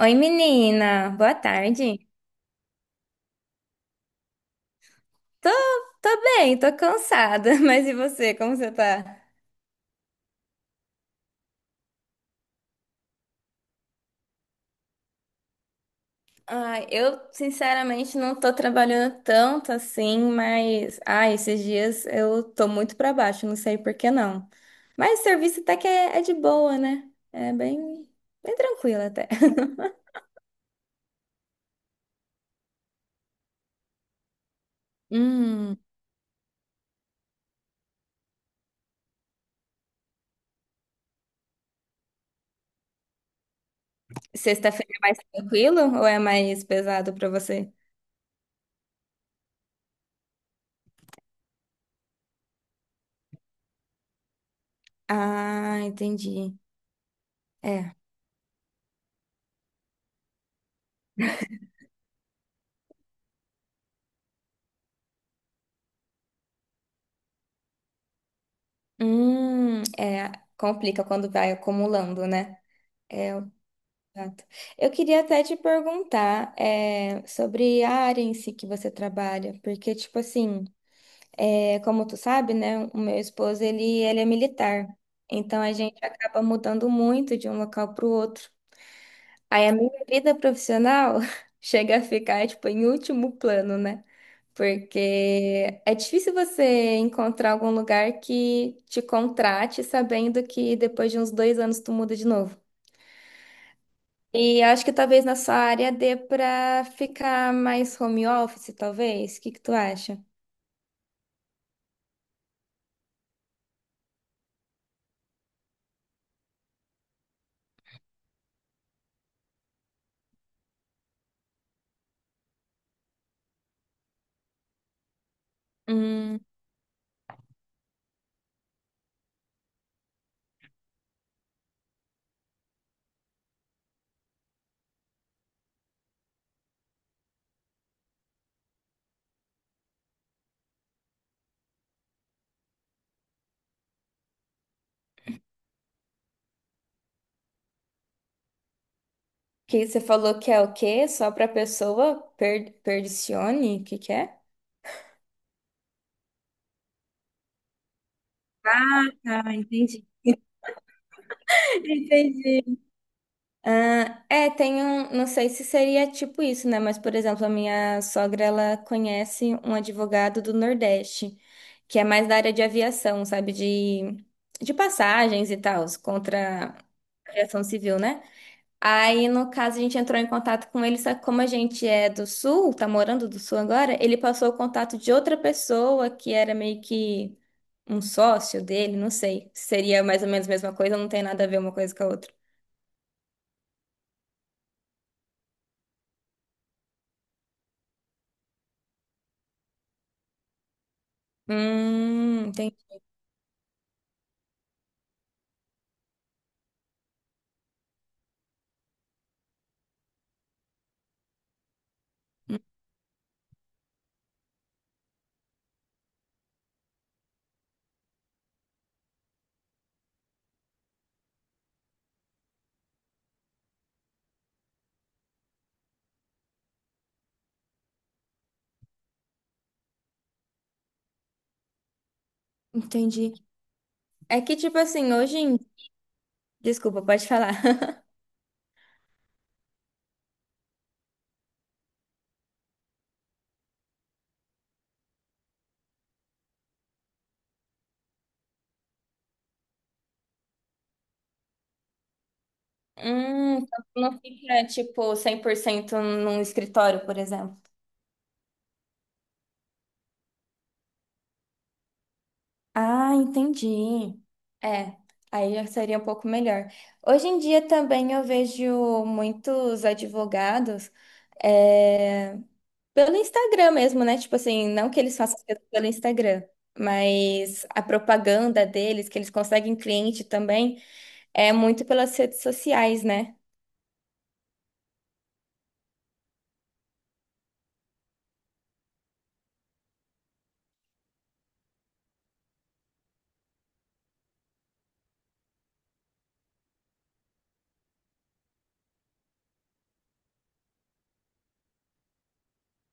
Oi, menina, boa tarde. Tô, tô bem, tô cansada, mas e você, como você tá? Ai, eu sinceramente não tô trabalhando tanto assim, mas ai, esses dias eu tô muito pra baixo, não sei por que não. Mas serviço até que é de boa, né? É bem tranquilo até. Hum, sexta-feira é mais tranquilo ou é mais pesado pra você? Ah, entendi. É. É, complica quando vai acumulando, né? É, exato. Eu queria até te perguntar sobre a área em si que você trabalha, porque, tipo assim, é, como tu sabe, né, o meu esposo, ele é militar, então a gente acaba mudando muito de um local para o outro. Aí a minha vida profissional chega a ficar, tipo, em último plano, né? Porque é difícil você encontrar algum lugar que te contrate sabendo que depois de uns dois anos tu muda de novo. E acho que talvez na sua área dê para ficar mais home office, talvez. O que que tu acha? Hum, Que você falou que é o quê? Só para pessoa perdicione? O que que é? Ah, entendi. Entendi. Ah, é, tem um, não sei se seria tipo isso, né? Mas, por exemplo, a minha sogra, ela conhece um advogado do Nordeste, que é mais da área de aviação, sabe? De passagens e tal, contra a aviação civil, né? Aí, no caso, a gente entrou em contato com ele, só que como a gente é do sul, tá morando do sul agora, ele passou o contato de outra pessoa que era meio que um sócio dele, não sei. Se Seria mais ou menos a mesma coisa, não tem nada a ver uma coisa com a outra. Hum, enten- entendi. É que, tipo assim, hoje em... Desculpa, pode falar. Então não fica, tipo, 100% num escritório, por exemplo. Ah, entendi. É, aí já seria um pouco melhor. Hoje em dia também eu vejo muitos advogados é, pelo Instagram mesmo, né? Tipo assim, não que eles façam coisas pelo Instagram, mas a propaganda deles, que eles conseguem cliente também, é muito pelas redes sociais, né?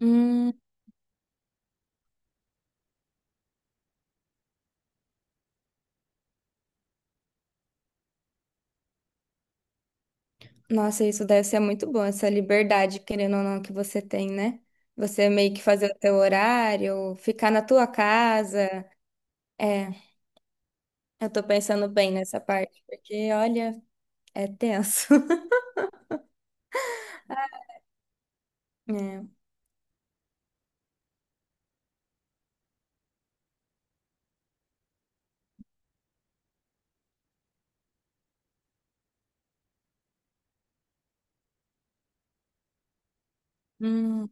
Hum, nossa, isso deve ser muito bom, essa liberdade, querendo ou não, que você tem, né? Você meio que fazer o teu horário, ficar na tua casa. É. Eu tô pensando bem nessa parte, porque olha, é tenso. É. Hum.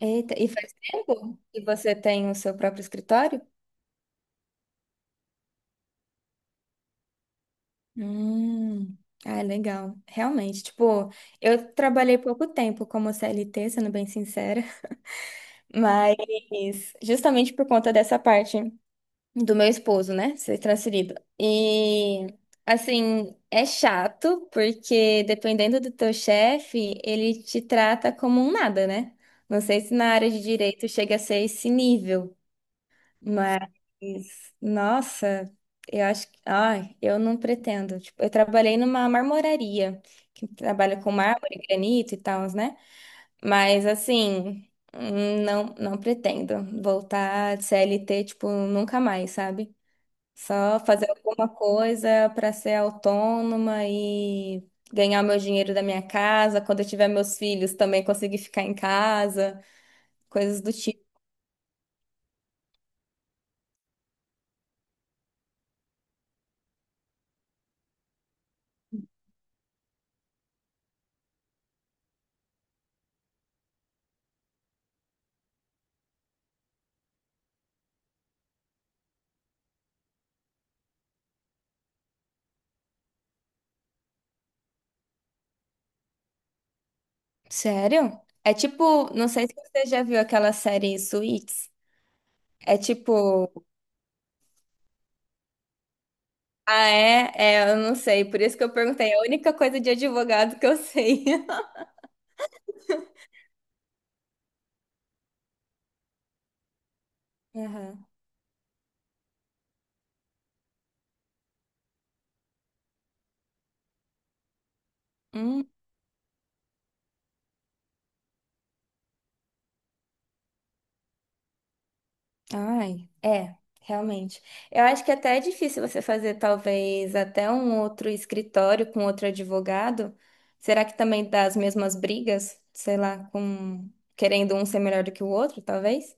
Eita, e faz tempo que você tem o seu próprio escritório? Hum. Ah, legal. Realmente, tipo, eu trabalhei pouco tempo como CLT, sendo bem sincera, mas justamente por conta dessa parte. Do meu esposo, né? Ser transferido. E assim, é chato, porque dependendo do teu chefe, ele te trata como um nada, né? Não sei se na área de direito chega a ser esse nível, mas nossa, eu acho que, ai, eu não pretendo. Tipo, eu trabalhei numa marmoraria, que trabalha com mármore, granito e tal, né? Mas assim, não pretendo voltar de CLT, tipo, nunca mais, sabe? Só fazer alguma coisa para ser autônoma e ganhar meu dinheiro da minha casa. Quando eu tiver meus filhos, também conseguir ficar em casa. Coisas do tipo. Sério? É tipo, não sei se você já viu aquela série Suits. É tipo, ah, é? É, eu não sei. Por isso que eu perguntei. É a única coisa de advogado que eu sei. Aham. Hum, ai, é, realmente. Eu acho que até é difícil você fazer, talvez, até um outro escritório com outro advogado. Será que também dá as mesmas brigas? Sei lá, com querendo um ser melhor do que o outro, talvez?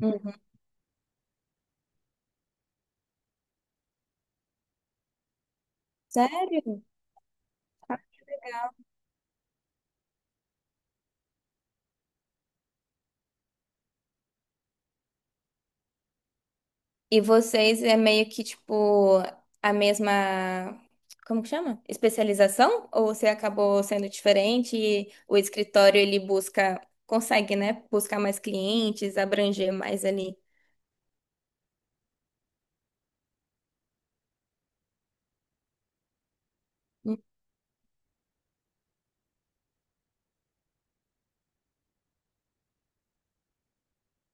Hum. Sério? E vocês é meio que tipo a mesma, como que chama? Especialização? Ou você acabou sendo diferente e o escritório ele busca, consegue, né? Buscar mais clientes, abranger mais ali.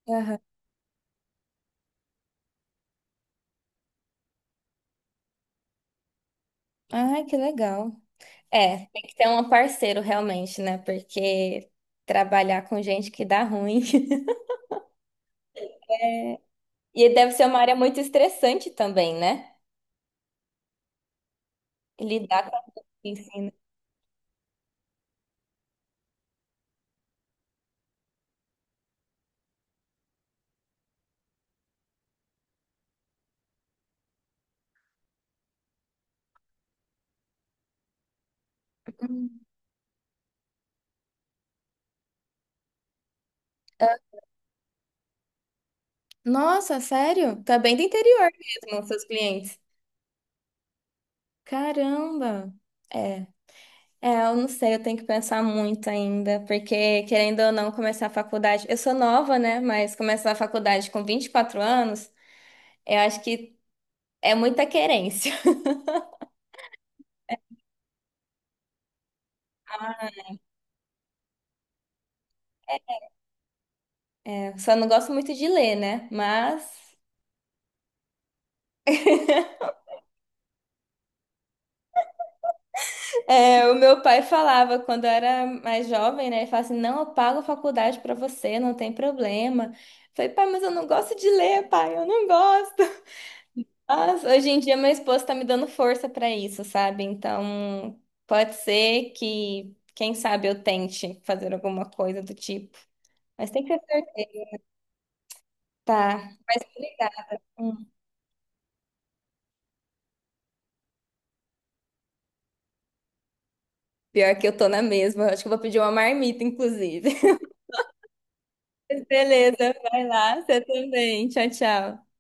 Hum, Ai, que legal. É, tem que ter um parceiro realmente, né? Porque trabalhar com gente que dá ruim. É, e deve ser uma área muito estressante também, né? Lidar com ensino. Nossa, sério? Tá bem do interior mesmo, seus clientes. Caramba! É. É, eu não sei, eu tenho que pensar muito ainda, porque querendo ou não começar a faculdade, eu sou nova, né? Mas começar a faculdade com 24 anos, eu acho que é muita querência. Só não gosto muito de ler, né? Mas é, o meu pai falava quando eu era mais jovem, né? Ele falava assim: não, eu pago a faculdade pra você, não tem problema. Eu falei, pai, mas eu não gosto de ler, pai, eu não gosto. Mas hoje em dia meu esposo tá me dando força pra isso, sabe? Então pode ser que, quem sabe, eu tente fazer alguma coisa do tipo. Mas tem que acertar. Mas obrigada. Hum. Pior que eu tô na mesma. Eu acho que eu vou pedir uma marmita, inclusive. Beleza, vai lá, você também. Tchau, tchau.